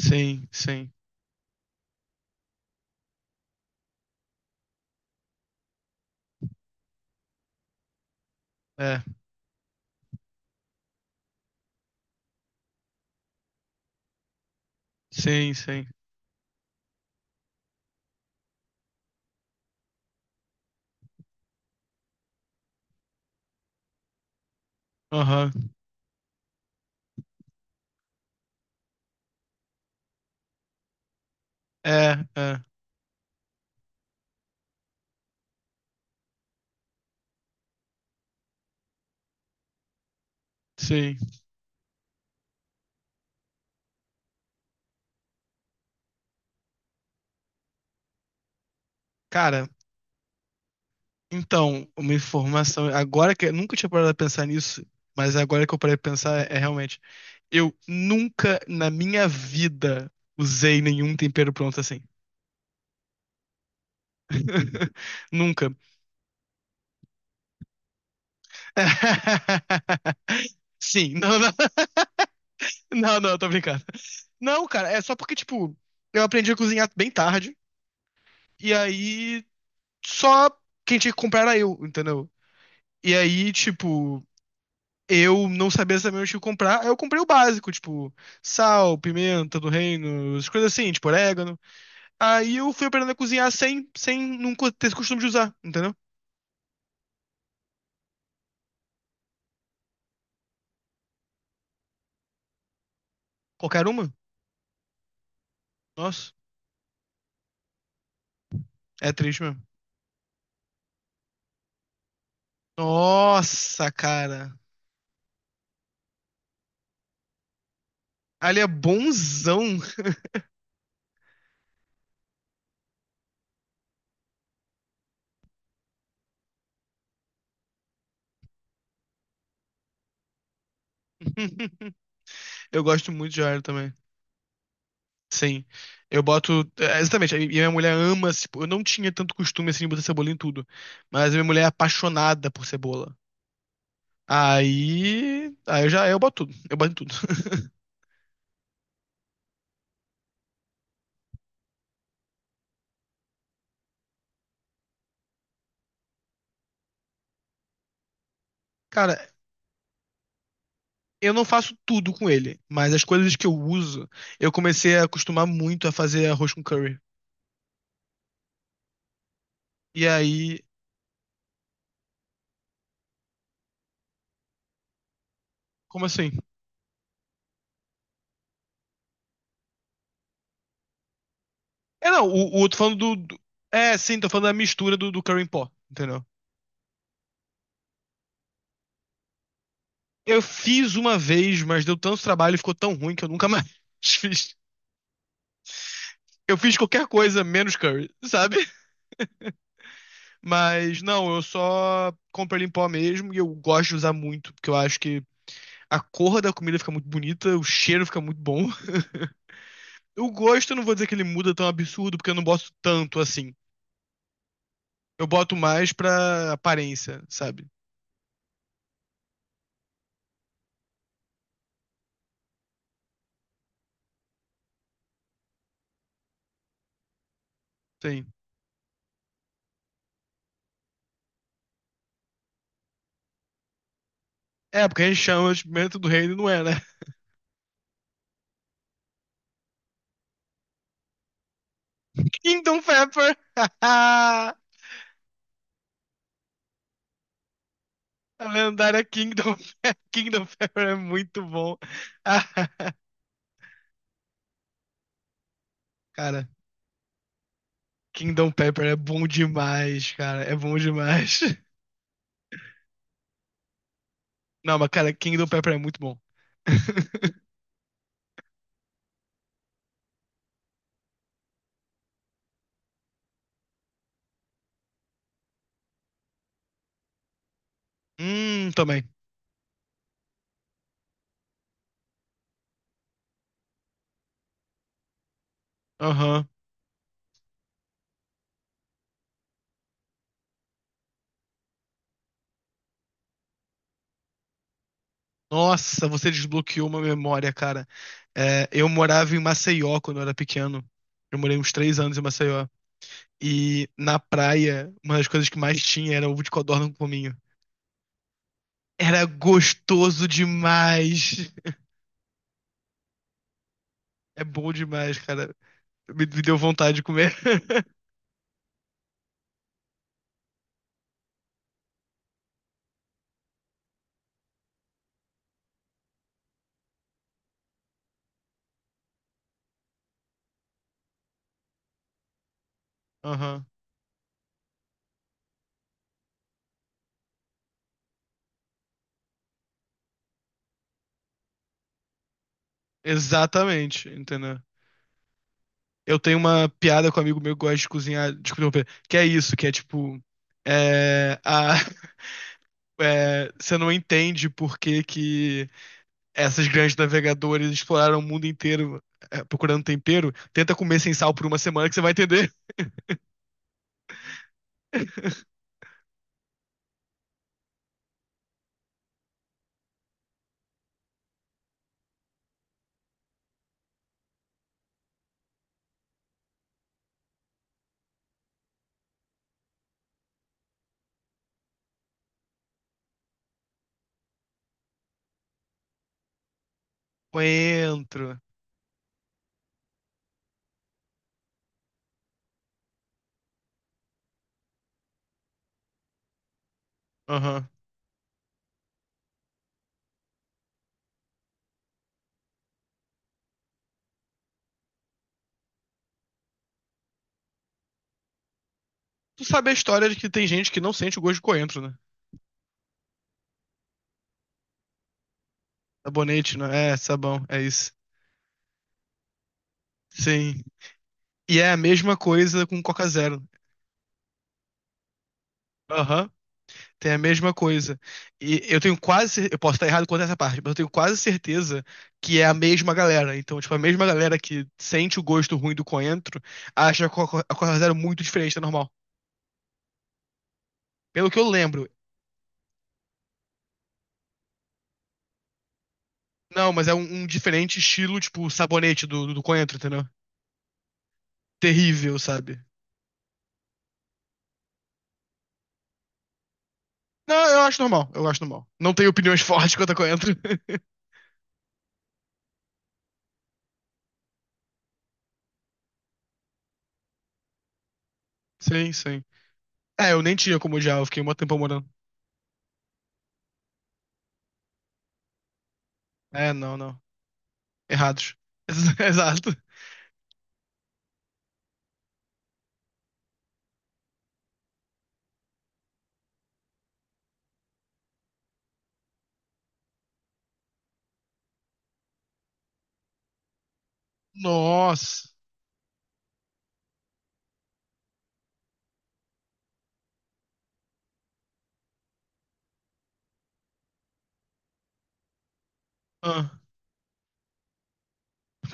Sim, sim. É, sim, sim. Aham. É, é, sim. Cara, então, uma informação. Agora que. Nunca tinha parado pra pensar nisso, mas agora que eu parei pra pensar, é realmente. Eu nunca na minha vida usei nenhum tempero pronto assim. Nunca. Sim, não, não, não, não, tô brincando. Não, cara, é só porque, tipo, eu aprendi a cozinhar bem tarde, e aí só quem tinha que comprar era eu, entendeu? E aí, tipo, eu não sabia exatamente o que comprar. Aí eu comprei o básico, tipo, sal, pimenta do reino, as coisas assim, tipo, orégano. Aí eu fui aprendendo a cozinhar sem nunca ter esse costume de usar, entendeu? Qualquer uma. Nossa, é triste mesmo. Nossa, cara. Ali é bonzão. Eu gosto muito de alho também. Sim. Eu boto. Exatamente. E minha mulher ama. Tipo, eu não tinha tanto costume assim de botar cebola em tudo. Mas a minha mulher é apaixonada por cebola. Aí eu já eu boto tudo, eu boto em tudo. Cara, eu não faço tudo com ele, mas as coisas que eu uso, eu comecei a acostumar muito a fazer arroz com curry. E aí, como assim? É, não, o tô falando do É, sim, tô falando da mistura do curry em pó, entendeu? Eu fiz uma vez, mas deu tanto trabalho e ficou tão ruim que eu nunca mais fiz. Eu fiz qualquer coisa menos curry, sabe? Mas não, eu só compro ele em pó mesmo e eu gosto de usar muito, porque eu acho que a cor da comida fica muito bonita, o cheiro fica muito bom. O gosto, eu não vou dizer que ele muda tão absurdo, porque eu não boto tanto assim. Eu boto mais pra aparência, sabe? Sim. É, porque a gente chama de pimenta do reino, não é, né? Kingdom Pepper! A lendária Kingdom Pepper. Kingdom Pepper é muito bom. Cara, Kingdom Pepper é bom demais, cara. É bom demais. Não, mas cara, Kingdom Pepper é muito bom. Também. Aham. Nossa, você desbloqueou uma memória, cara. É, eu morava em Maceió quando eu era pequeno. Eu morei uns três anos em Maceió. E na praia, uma das coisas que mais tinha era ovo de codorna com cominho. Era gostoso demais. É bom demais, cara. Me deu vontade de comer. Aham. Exatamente, entendeu? Eu tenho uma piada com um amigo meu que gosta de cozinhar. Desculpa, que é isso, que é tipo. É, a, é, você não entende por que que essas grandes navegadoras exploraram o mundo inteiro procurando tempero. Tenta comer sem sal por uma semana que você vai entender. Coentro. Aham. Tu sabe a história de que tem gente que não sente o gosto de coentro, né? Sabonete, né? É, sabão, é isso. Sim. E é a mesma coisa com Coca Zero. Aham. Tem a mesma coisa. E eu tenho quase. Eu posso estar errado quanto a essa parte, mas eu tenho quase certeza que é a mesma galera. Então, tipo, a mesma galera que sente o gosto ruim do coentro acha a a Coca Zero muito diferente da normal. Pelo que eu lembro, não, mas é um diferente estilo, tipo, sabonete do coentro, entendeu? Terrível, sabe? Não, eu acho normal, eu acho normal. Não tenho opiniões fortes quanto a coentro. Sim, sim. É, eu nem tinha como odiar, eu fiquei um tempo morando. É, não, não. Errados. Exato. Nossa. Ah,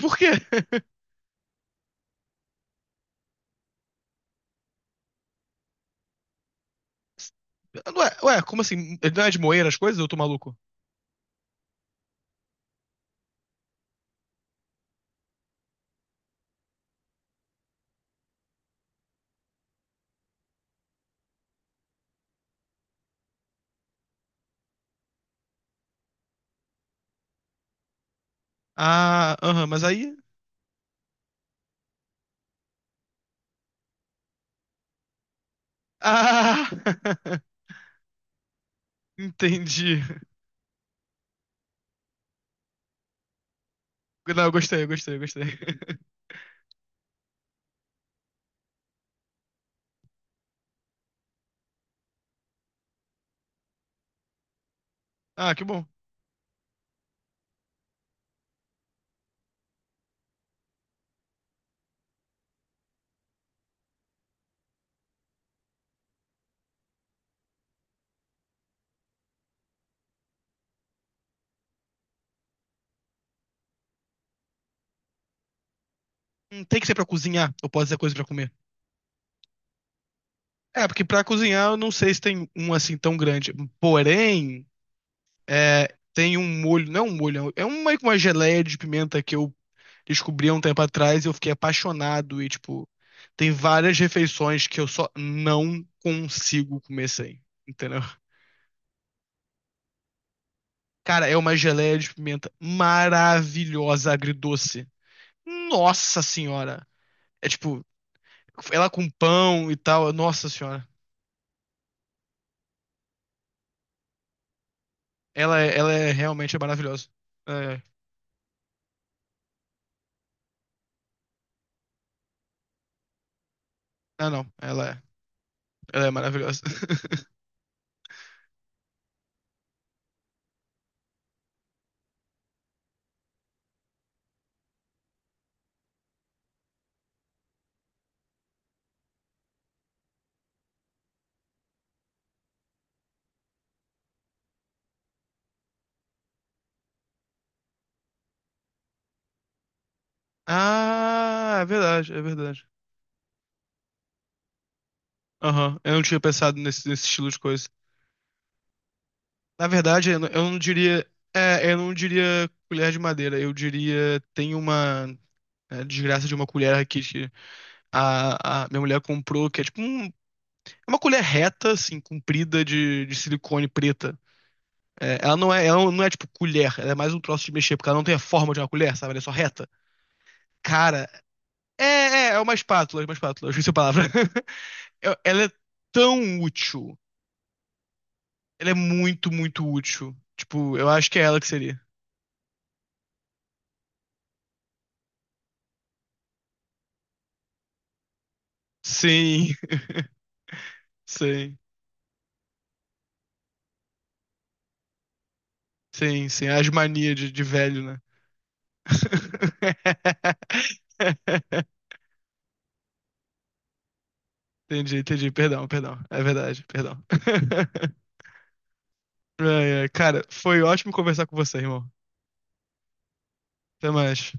por quê? Ué, ué, como assim? Não é de moer as coisas? Eu tô maluco. Ah, aham, mas aí. Ah! Entendi. Não, eu gostei, eu gostei, eu gostei. Ah, que bom. Não tem que ser pra cozinhar, eu posso dizer coisa pra comer. É, porque pra cozinhar eu não sei se tem um assim tão grande. Porém, é, tem um molho, não é um molho, é um- meio que uma geleia de pimenta que eu descobri há um tempo atrás e eu fiquei apaixonado. E, tipo, tem várias refeições que eu só não consigo comer sem, entendeu? Cara, é uma geleia de pimenta maravilhosa, agridoce. Nossa senhora! É tipo, ela com pão e tal, nossa senhora. Ela é realmente maravilhosa. É, ah, não, ela é maravilhosa. Ah, é verdade, é verdade. Aham, eu não tinha pensado nesse estilo de coisa. Na verdade, eu não diria, é, eu não diria colher de madeira, eu diria tem uma é, desgraça de uma colher aqui. A minha mulher comprou, que é tipo um- é uma colher reta, assim, comprida de silicone preta. É, ela não é tipo colher, ela é mais um troço de mexer, porque ela não tem a forma de uma colher, sabe? Ela é só reta. Cara, é uma espátula, é uma espátula, eu esqueci a palavra. Ela é tão útil. Ela é muito, muito útil. Tipo, eu acho que é ela que seria. Sim, sim, sim, sim. As manias de velho, né? Entendi, entendi. Perdão, perdão. É verdade, perdão. Ai, ai. Cara, foi ótimo conversar com você, irmão. Até mais.